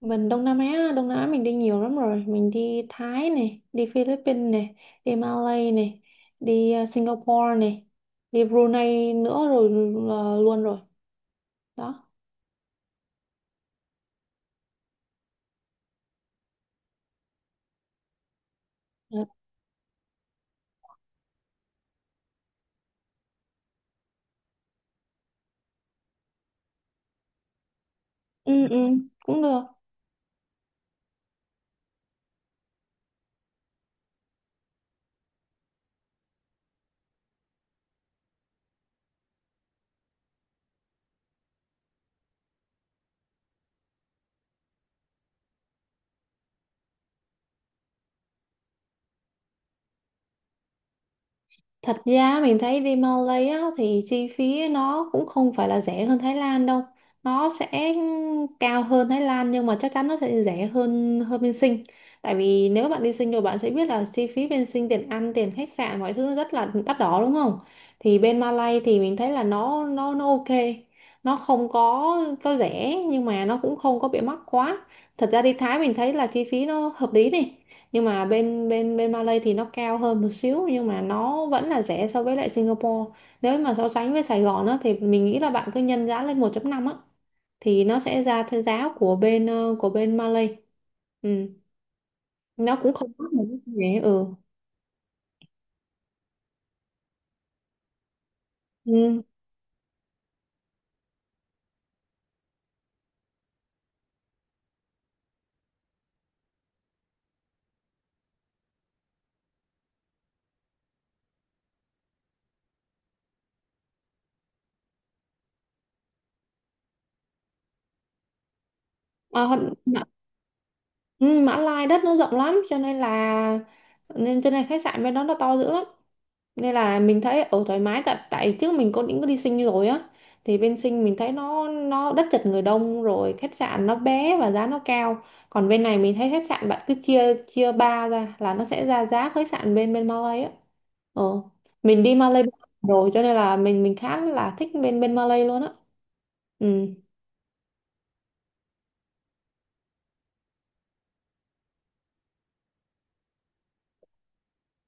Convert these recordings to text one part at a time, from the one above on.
Mình Đông Nam Á, Đông Nam Á mình đi nhiều lắm rồi. Mình đi Thái này, đi Philippines này, đi Malay này, đi Singapore này, đi Brunei nữa rồi là luôn rồi. Đó. Ờ, Ừ, ừ, cũng được. Thật ra mình thấy đi Malay á thì chi phí nó cũng không phải là rẻ hơn Thái Lan đâu. Nó sẽ cao hơn Thái Lan, nhưng mà chắc chắn nó sẽ rẻ hơn hơn bên Sinh. Tại vì nếu bạn đi Sinh rồi bạn sẽ biết là chi phí bên Sinh, tiền ăn, tiền khách sạn, mọi thứ nó rất là đắt đỏ, đúng không? Thì bên Malay thì mình thấy là nó ok. Nó không có rẻ nhưng mà nó cũng không có bị mắc quá. Thật ra đi Thái mình thấy là chi phí nó hợp lý này, nhưng mà bên bên bên Malay thì nó cao hơn một xíu, nhưng mà nó vẫn là rẻ so với lại Singapore. Nếu mà so sánh với Sài Gòn á thì mình nghĩ là bạn cứ nhân giá lên 1.5 á thì nó sẽ ra theo giá của bên Malay. Ừ, nó cũng không mất một cái rẻ. Ừ. Ừ. À, Mã, ừ, Mã Lai đất nó rộng lắm, cho nên là cho nên khách sạn bên đó nó to dữ lắm. Nên là mình thấy ở thoải mái, tại tại trước mình có định có đi Sinh rồi á, thì bên Sinh mình thấy nó đất chật người đông, rồi khách sạn nó bé và giá nó cao. Còn bên này mình thấy khách sạn bạn cứ chia chia ba ra là nó sẽ ra giá khách sạn bên bên Malay á. ờ mình đi Malay rồi, cho nên là mình khá là thích bên bên Malay luôn á. Ừ.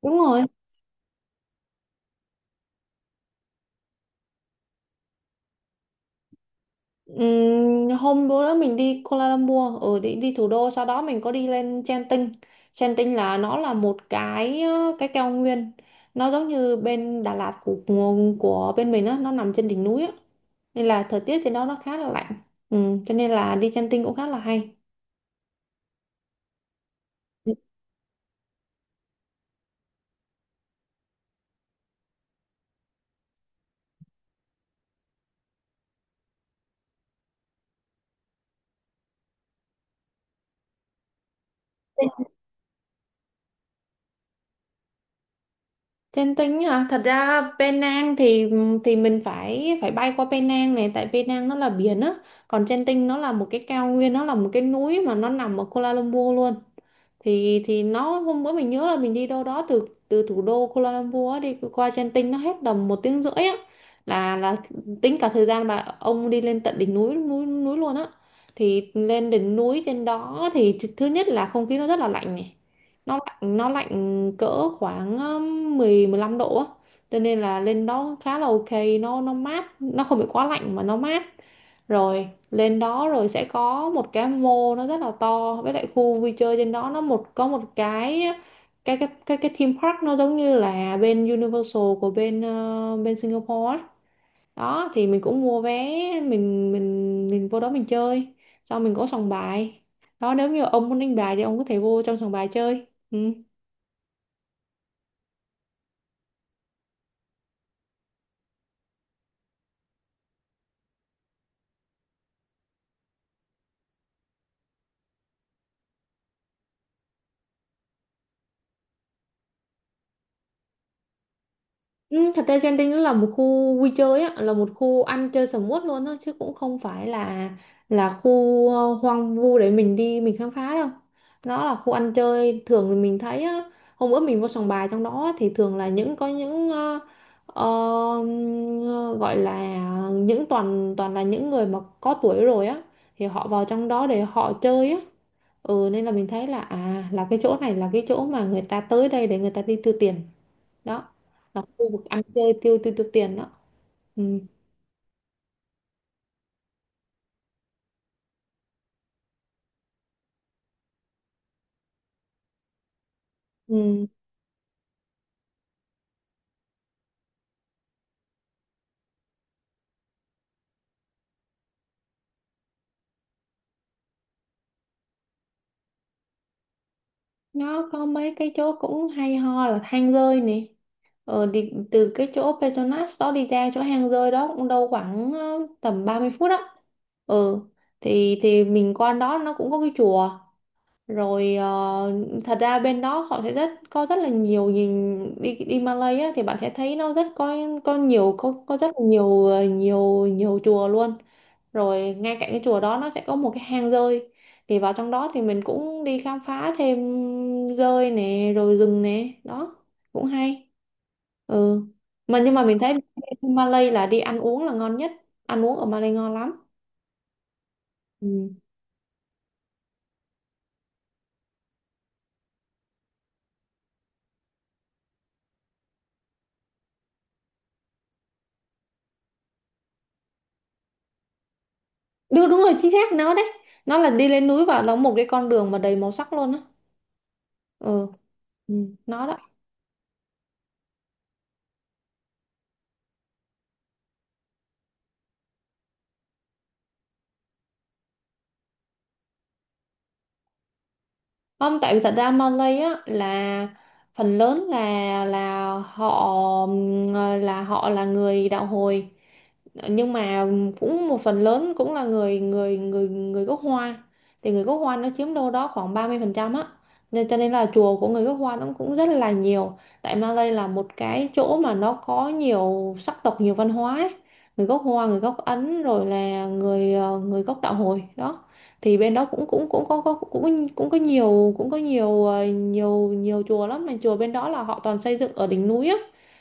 Đúng rồi. Hôm bữa đó mình đi Kuala Lumpur, đi thủ đô, sau đó mình có đi lên Genting. Genting là một cái cao nguyên, nó giống như bên Đà Lạt của bên mình á, nó nằm trên đỉnh núi á, nên là thời tiết trên đó nó khá là lạnh. Ừ, cho nên là đi Genting cũng khá là hay. Genting hả, thật ra Penang thì mình phải phải bay qua Penang này, tại Penang nó là biển á, còn Genting nó là một cái cao nguyên, nó là một cái núi mà nó nằm ở Kuala Lumpur luôn. Thì nó hôm bữa mình nhớ là mình đi đâu đó từ từ thủ đô Kuala Lumpur á, đi qua Genting nó hết tầm một tiếng rưỡi á, là tính cả thời gian mà ông đi lên tận đỉnh núi núi núi luôn á. Thì lên đỉnh núi trên đó thì thứ nhất là không khí nó rất là lạnh này, nó lạnh cỡ khoảng mười, 15 độ á, cho nên là lên đó khá là ok. Nó mát, nó không bị quá lạnh mà nó mát. Rồi lên đó rồi sẽ có một cái mall nó rất là to, với lại khu vui chơi trên đó nó có một cái theme park nó giống như là bên Universal của bên Singapore ấy. Đó thì mình cũng mua vé, mình vô đó mình chơi, xong mình có sòng bài đó. Nếu như ông muốn đánh bài thì ông có thể vô trong sòng bài chơi. Ừ. Ừ, thật ra Genting nó là một khu vui chơi á, là một khu ăn chơi sầm uất luôn á, chứ cũng không phải là khu hoang vu để mình đi mình khám phá đâu. Nó là khu ăn chơi, thường thì mình thấy á, hôm bữa mình vô sòng bài trong đó thì thường là những có những ờ, ờ, gọi là những toàn toàn là những người mà có tuổi rồi á, thì họ vào trong đó để họ chơi á. Ừ, nên là mình thấy là cái chỗ này là cái chỗ mà người ta tới đây để người ta đi tiêu tiền đó, là khu vực ăn chơi tiêu tiêu tiêu tiền đó. Ừ. Ừ. Nó có mấy cái chỗ cũng hay ho là hang rơi nè. Từ cái chỗ Petronas đó đi ra chỗ hang rơi đó cũng đâu khoảng tầm 30 phút á. Ừ, thì mình qua đó nó cũng có cái chùa rồi. Ờ, Thật ra bên đó họ sẽ rất có rất là nhiều, nhìn đi đi Malay á thì bạn sẽ thấy nó rất có nhiều, có rất là nhiều ờ, nhiều nhiều chùa luôn. Rồi ngay cạnh cái chùa đó nó sẽ có một cái hang dơi, thì vào trong đó thì mình cũng đi khám phá thêm dơi nè rồi rừng nè, đó cũng hay. Ừ. Mà nhưng mà mình thấy Malay là đi ăn uống là ngon nhất, ăn uống ở Malay ngon lắm. Ừ. Đúng, đúng rồi, chính xác nó đấy. Nó là đi lên núi và nó một cái con đường mà đầy màu sắc luôn á. Ừ. Ừ. Nó đó. Không, tại vì thật ra Malay á là phần lớn là người đạo hồi, nhưng mà cũng một phần lớn cũng là người người người người gốc Hoa, thì người gốc Hoa nó chiếm đâu đó khoảng 30% á, cho nên là chùa của người gốc Hoa nó cũng rất là nhiều. Tại Malay là một cái chỗ mà nó có nhiều sắc tộc, nhiều văn hóa ấy. Người gốc Hoa, người gốc Ấn, rồi là người gốc đạo hồi đó. Thì bên đó cũng cũng cũng có cũng cũng có nhiều ờ, nhiều nhiều chùa lắm, mà chùa bên đó là họ toàn xây dựng ở đỉnh núi á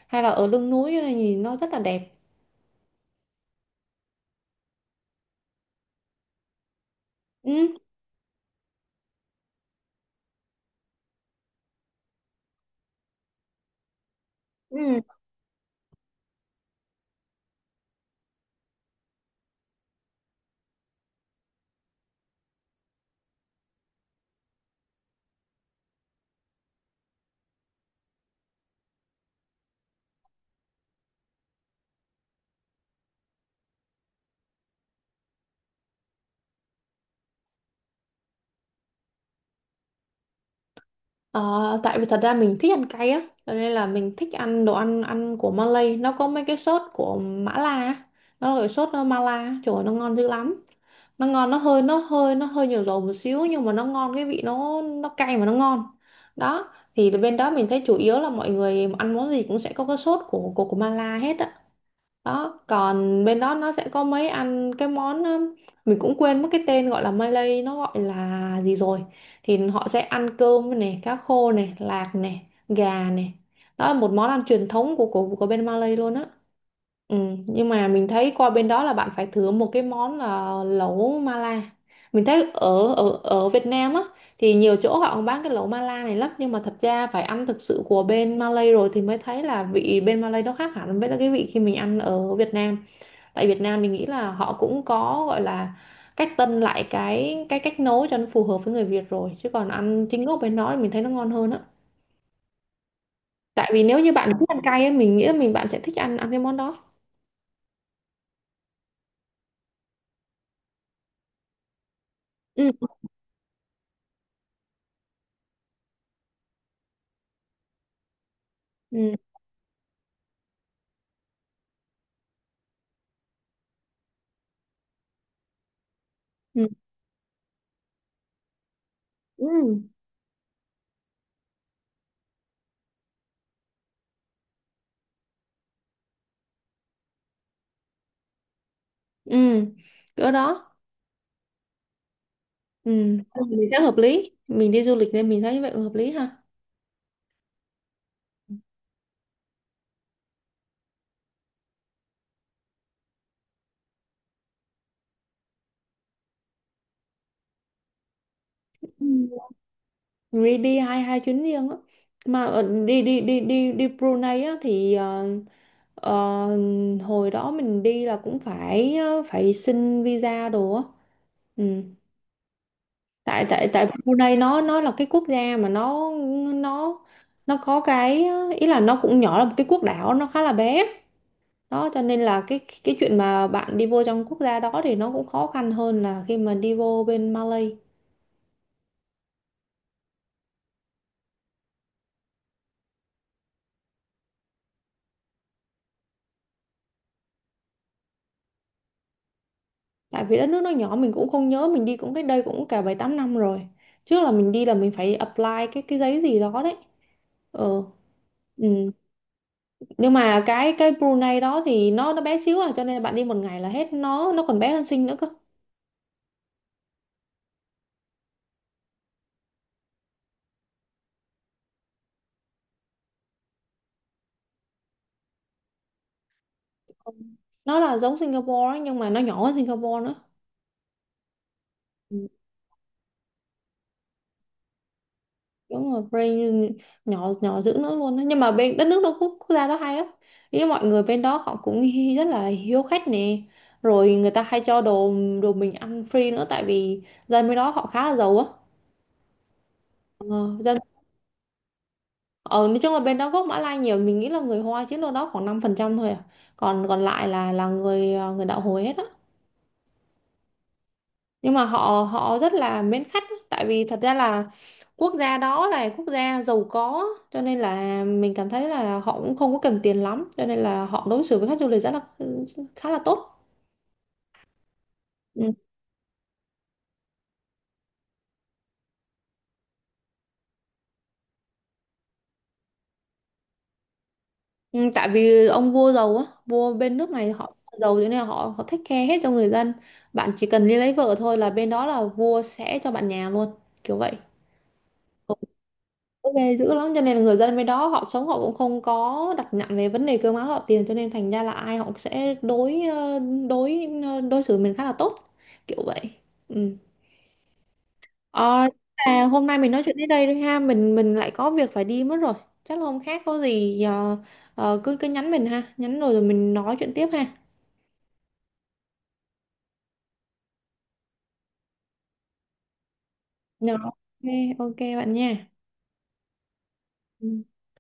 hay là ở lưng núi, cho nên nhìn nó rất là đẹp. Ừ. Ừ. Ờ, tại vì thật ra mình thích ăn cay á, cho nên là mình thích ăn đồ ăn ăn của Malay, nó có mấy cái sốt của Mã La á. Nó là cái sốt Mala, trời ơi, nó ngon dữ lắm. Nó ngon, nó hơi nhiều dầu một xíu nhưng mà nó ngon, cái vị nó cay mà nó ngon. Đó, thì bên đó mình thấy chủ yếu là mọi người ăn món gì cũng sẽ có cái sốt của Mala hết á. Đó, còn bên đó nó sẽ có mấy ăn cái món, mình cũng quên mất cái tên gọi là Malay nó gọi là gì rồi, thì họ sẽ ăn cơm này, cá khô này, lạc này, gà này. Đó là một món ăn truyền thống của bên Malay luôn á. Ừ, nhưng mà mình thấy qua bên đó là bạn phải thử một cái món là lẩu Mala. Mình thấy ở ở ở Việt Nam á thì nhiều chỗ họ cũng bán cái lẩu mala này lắm, nhưng mà thật ra phải ăn thực sự của bên Malay rồi thì mới thấy là vị bên Malay nó khác hẳn với cái vị khi mình ăn ở Việt Nam. Tại Việt Nam mình nghĩ là họ cũng có gọi là cách tân lại cái cách nấu cho nó phù hợp với người Việt rồi, chứ còn ăn chính gốc bên đó thì mình thấy nó ngon hơn á. Tại vì nếu như bạn thích ăn cay ấy, mình nghĩ là bạn sẽ thích ăn ăn cái món đó. Ừ. Ừ. Ừ. Ừ. Ừ. Cỡ đó. Ừ. Mình sẽ hợp lý, mình đi du lịch nên mình thấy vậy hợp lý ha. Ừ. đi đi hai hai chuyến riêng á. Mà ở- đi đi đi đi đi Brunei á thì ờ, hồi đó mình đi là cũng phải xin visa đồ á. Ừ. tại tại tại Brunei nó là cái quốc gia mà nó nó có cái ý là nó cũng nhỏ, là một cái quốc đảo, nó khá là bé. Đó cho nên là cái chuyện mà bạn đi vô trong quốc gia đó thì nó cũng khó khăn hơn là khi mà đi vô bên Malay. Tại vì đất nước nó nhỏ, mình cũng không nhớ, mình đi cũng cách đây cũng cả bảy tám năm rồi. Trước là mình đi là mình phải apply cái giấy gì đó đấy. Ừ. Ừ. Nhưng mà cái Brunei đó thì nó bé xíu à, cho nên bạn đi một ngày là hết. Nó còn bé hơn Sing nữa cơ. Ừ. Nó là giống Singapore á, nhưng mà nó nhỏ hơn Singapore nữa. Đúng rồi, brain. Nhỏ nhỏ dữ nữa luôn đó. Nhưng mà bên đất nước đó, quốc gia đó hay lắm. Ý mọi người bên đó họ cũng rất là hiếu khách nè, rồi người ta hay cho đồ đồ mình ăn free nữa, tại vì dân bên đó họ khá là giàu á. ờ, Dân ở nói chung là bên đó gốc Mã Lai nhiều, mình nghĩ là người Hoa chiếm đâu đó khoảng 5% thôi à, còn còn lại là người người đạo hồi hết á. Nhưng mà họ họ rất là mến khách á. Tại vì thật ra là quốc gia đó là quốc gia giàu có, cho nên là mình cảm thấy là họ cũng không có cần tiền lắm, cho nên là họ đối xử với khách du lịch rất là khá là tốt. Ừ. Ừ, tại vì ông vua giàu á, vua bên nước này họ giàu, cho nên là họ họ take care hết cho người dân. Bạn chỉ cần đi lấy vợ thôi là bên đó là vua sẽ cho bạn nhà luôn, kiểu vậy. Ok. Dữ lắm, cho nên là người dân bên đó họ sống, họ cũng không có đặt nặng về vấn đề cơm áo gạo tiền, cho nên thành ra là ai họ cũng sẽ đối xử mình khá là tốt, kiểu vậy. Ừ. Ờ, à, hôm nay mình nói chuyện đến đây thôi ha, mình lại có việc phải đi mất rồi. Chắc là hôm khác có gì, cứ cứ nhắn mình ha, nhắn rồi rồi mình nói chuyện tiếp ha. Dạ, ok, ok bạn nha. Ừ.